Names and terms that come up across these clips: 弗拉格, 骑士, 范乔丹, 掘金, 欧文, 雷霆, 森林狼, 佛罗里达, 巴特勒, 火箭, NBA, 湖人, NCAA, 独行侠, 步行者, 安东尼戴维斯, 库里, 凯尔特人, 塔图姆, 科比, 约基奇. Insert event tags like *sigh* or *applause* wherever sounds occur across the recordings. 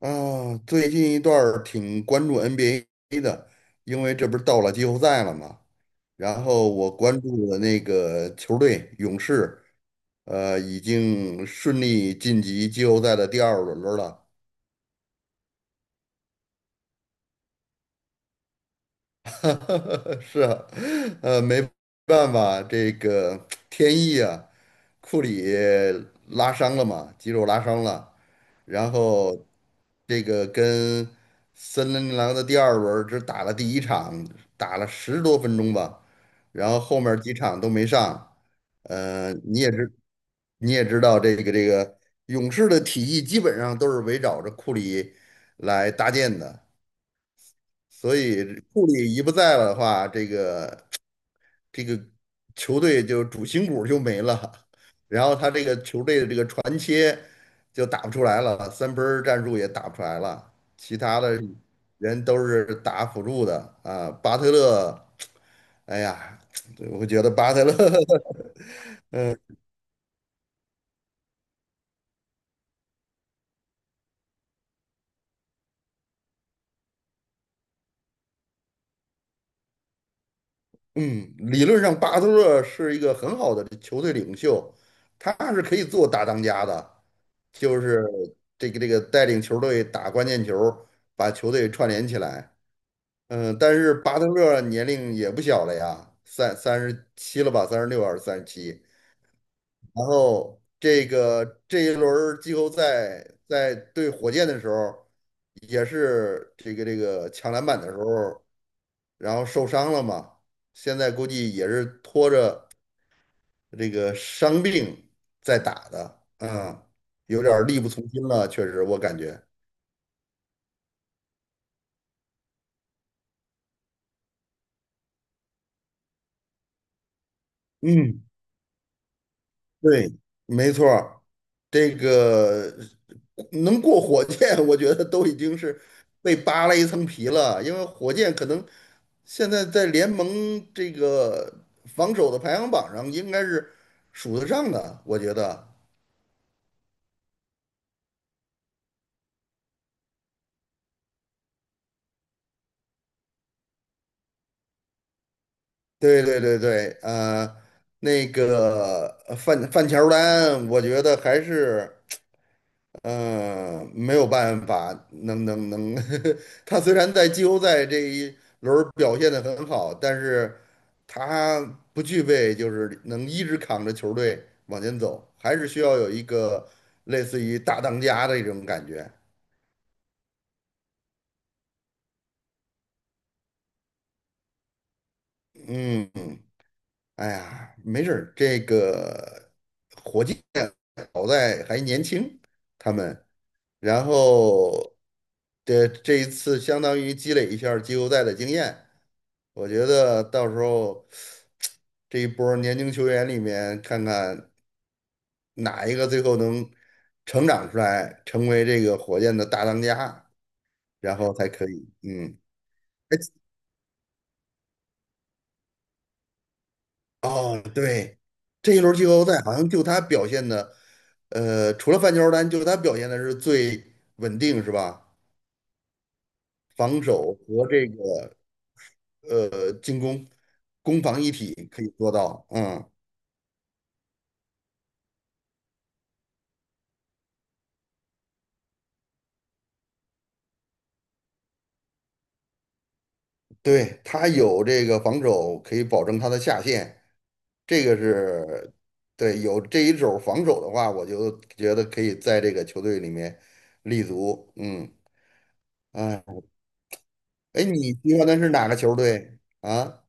啊，最近一段儿挺关注 NBA 的，因为这不是到了季后赛了嘛。然后我关注的那个球队勇士，已经顺利晋级季后赛的第二轮儿了。*laughs* 是啊，没办法，这个天意啊，库里拉伤了嘛，肌肉拉伤了，然后这个跟森林狼的第二轮只打了第一场，打了十多分钟吧，然后后面几场都没上，呃，你也知道这个勇士的体系基本上都是围绕着库里来搭建的。所以库里一不在了的话，这个球队就主心骨就没了，然后他这个球队的这个传切就打不出来了，三分儿战术也打不出来了，其他的人都是打辅助的啊。巴特勒，哎呀，我觉得巴特勒 *laughs* 嗯，理论上巴特勒是一个很好的球队领袖，他是可以做大当家的，就是这个带领球队打关键球，把球队串联起来。嗯，但是巴特勒年龄也不小了呀，三十七了吧，三十六还是三十七？然后这个这一轮儿季后赛在对火箭的时候，也是这个抢篮板的时候，然后受伤了嘛。现在估计也是拖着这个伤病在打的，啊，有点儿力不从心了，确实我感觉。嗯，对，没错儿，这个能过火箭，*laughs* 我觉得都已经是被扒了一层皮了，因为火箭可能现在在联盟这个防守的排行榜上应该是数得上的，我觉得。对对对对，呃，那个呃范范乔丹，我觉得还是。嗯，没有办法，能能能，*laughs* 他虽然在季后赛这一轮儿表现得很好，但是他不具备就是能一直扛着球队往前走，还是需要有一个类似于大当家的一种感觉。嗯，哎呀，没事儿这个火箭好在还年轻，他们，然后这一次相当于积累一下儿季后赛的经验。我觉得到时候这一波儿年轻球员里面，看看哪一个最后能成长出来，成为这个火箭的大当家，然后才可以。嗯，哎，哦，对，这一轮季后赛好像就他表现的，呃，除了范乔丹，就他表现的是最稳定，是吧？防守和这个进攻，攻防一体可以做到。嗯。对，他有这个防守，可以保证他的下限，这个是对有这一手防守的话，我就觉得可以在这个球队里面立足。嗯，哎，哎，你喜欢的是哪个球队啊？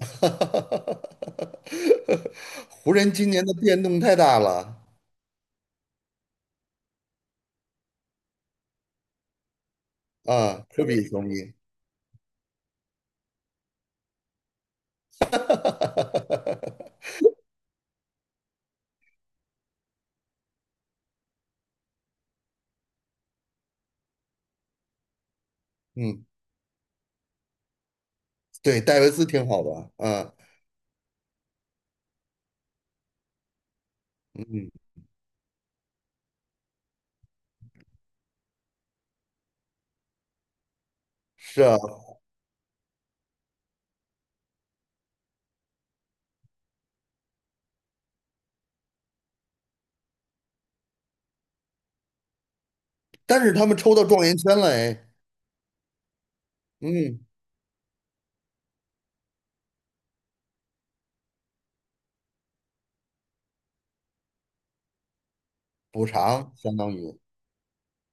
*laughs* 湖人今年的变动太大了啊，科比球迷。*laughs* 嗯，对，戴维斯挺好的啊，嗯，是啊，但是他们抽到状元签了，哎，嗯。补偿，相当于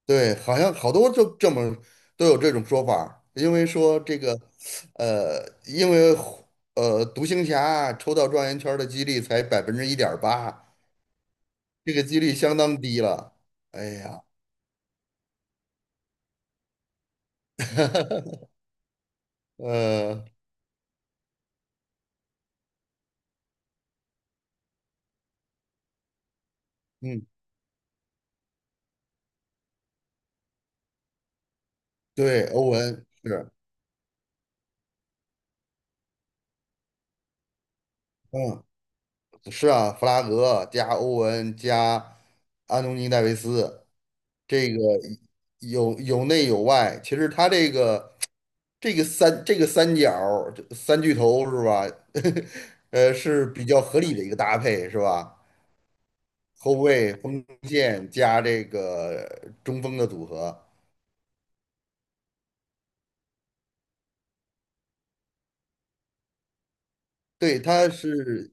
对，好像好多就这么都有这种说法儿，因为说这个，呃，因为独行侠抽到状元圈儿的几率才百分之一点八，这个几率相当低了。哎呀，*laughs* 呃，嗯，对，欧文是，嗯，是啊，弗拉格加欧文加安东尼戴维斯，这个有有内有外，其实他这个。三角儿三巨头是吧？*laughs* 是比较合理的一个搭配是吧？后卫、锋线加这个中锋的组合，对，他是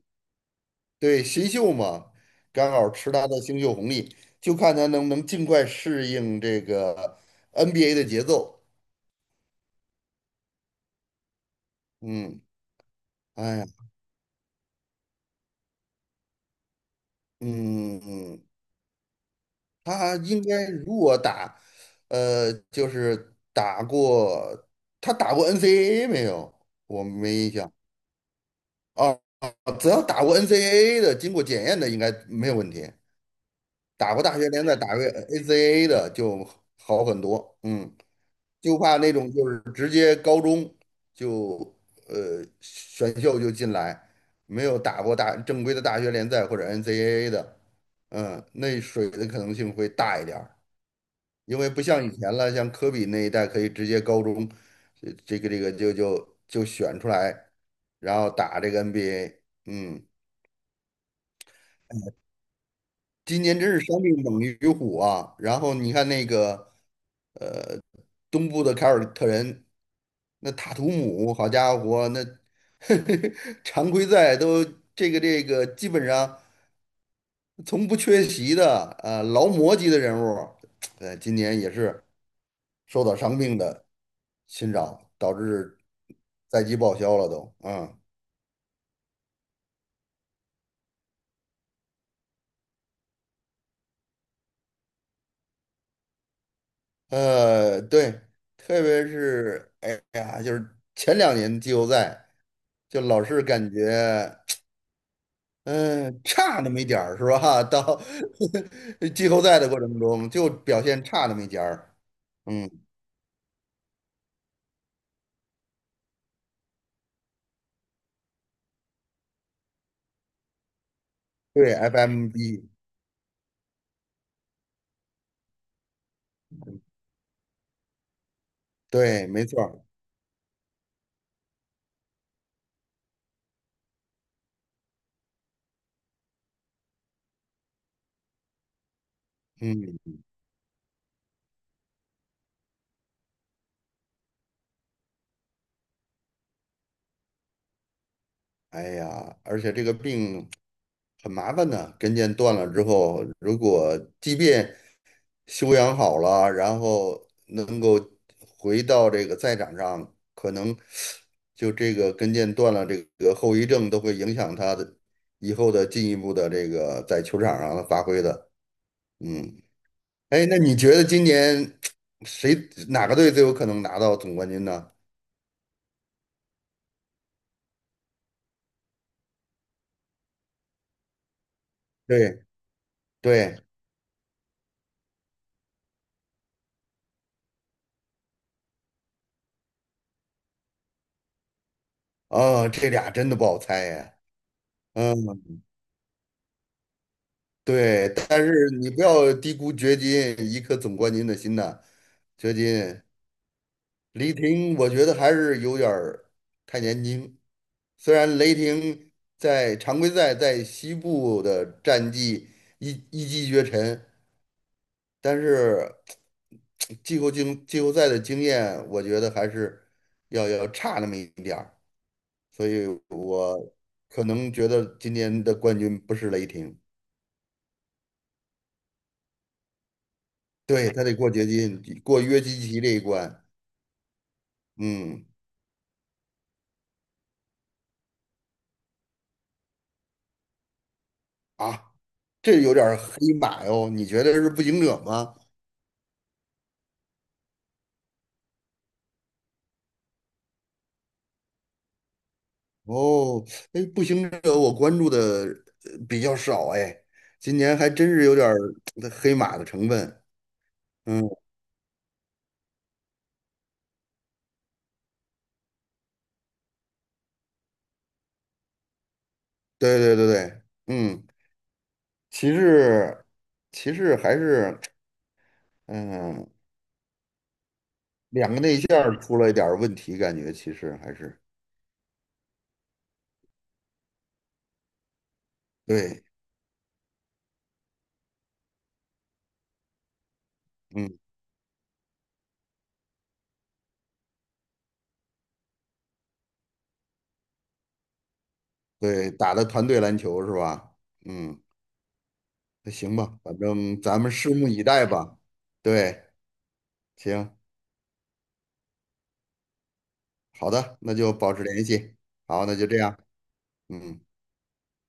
对新秀嘛，刚好吃他的新秀红利，就看他能不能尽快适应这个 NBA 的节奏。嗯，哎呀，嗯嗯，他应该如果打，就是打过，他打过 NCAA 没有？我没印象。哦，哦只要打过 NCAA 的，经过检验的应该没有问题。打过大学联赛，打过 NCAA 的就好很多。嗯，就怕那种就是直接高中就选秀就进来，没有打过大正规的大学联赛或者 NCAA 的，嗯，那水的可能性会大一点儿。因为不像以前了，像科比那一代可以直接高中，呃这个就选出来，然后打这个 NBA。嗯，今年真是伤病猛于虎啊。然后你看那个东部的凯尔特人，那塔图姆，好家伙，那 *laughs* 常规赛都这个基本上从不缺席的，呃，劳模级的人物，呃，今年也是。受到伤病的侵扰，导致赛季报销了都。嗯，呃，对，特别是哎呀，就是前两年季后赛，就老是感觉。嗯，差那么一点儿是吧？*laughs* 到 *laughs* 季后赛的过程中就表现差那么一点儿。嗯，对，FMB,对，没错儿，嗯，哎呀，而且这个病很麻烦的，跟腱断了之后，如果即便修养好了，然后能够回到这个赛场上，可能就这个跟腱断了，这个后遗症都会影响他的以后的进一步的这个在球场上的发挥的。嗯，哎，那你觉得今年谁哪个队最有可能拿到总冠军呢？对对，啊，这俩真的不好猜呀。嗯，对，但是你不要低估掘金一颗总冠军的心呐，掘金。雷霆我觉得还是有点儿太年轻。虽然雷霆在常规赛在西部的战绩一一骑绝尘，但是季后赛的经验，我觉得还是要差那么一点儿。所以我可能觉得今年的冠军不是雷霆，对，他得过掘金，过约基奇这一关。嗯，啊，这有点儿黑马哟，你觉得是步行者吗？哦，哎，步行者我关注的呃比较少哎，今年还真是有点儿呃黑马的成分。嗯，对对对对，嗯，骑士，骑士还是嗯，两个内线儿出了一点儿问题，感觉骑士还是对，嗯，对，打的团队篮球是吧？嗯，那行吧，反正咱们拭目以待吧。对，行，好的，那就保持联系。好，那就这样，嗯。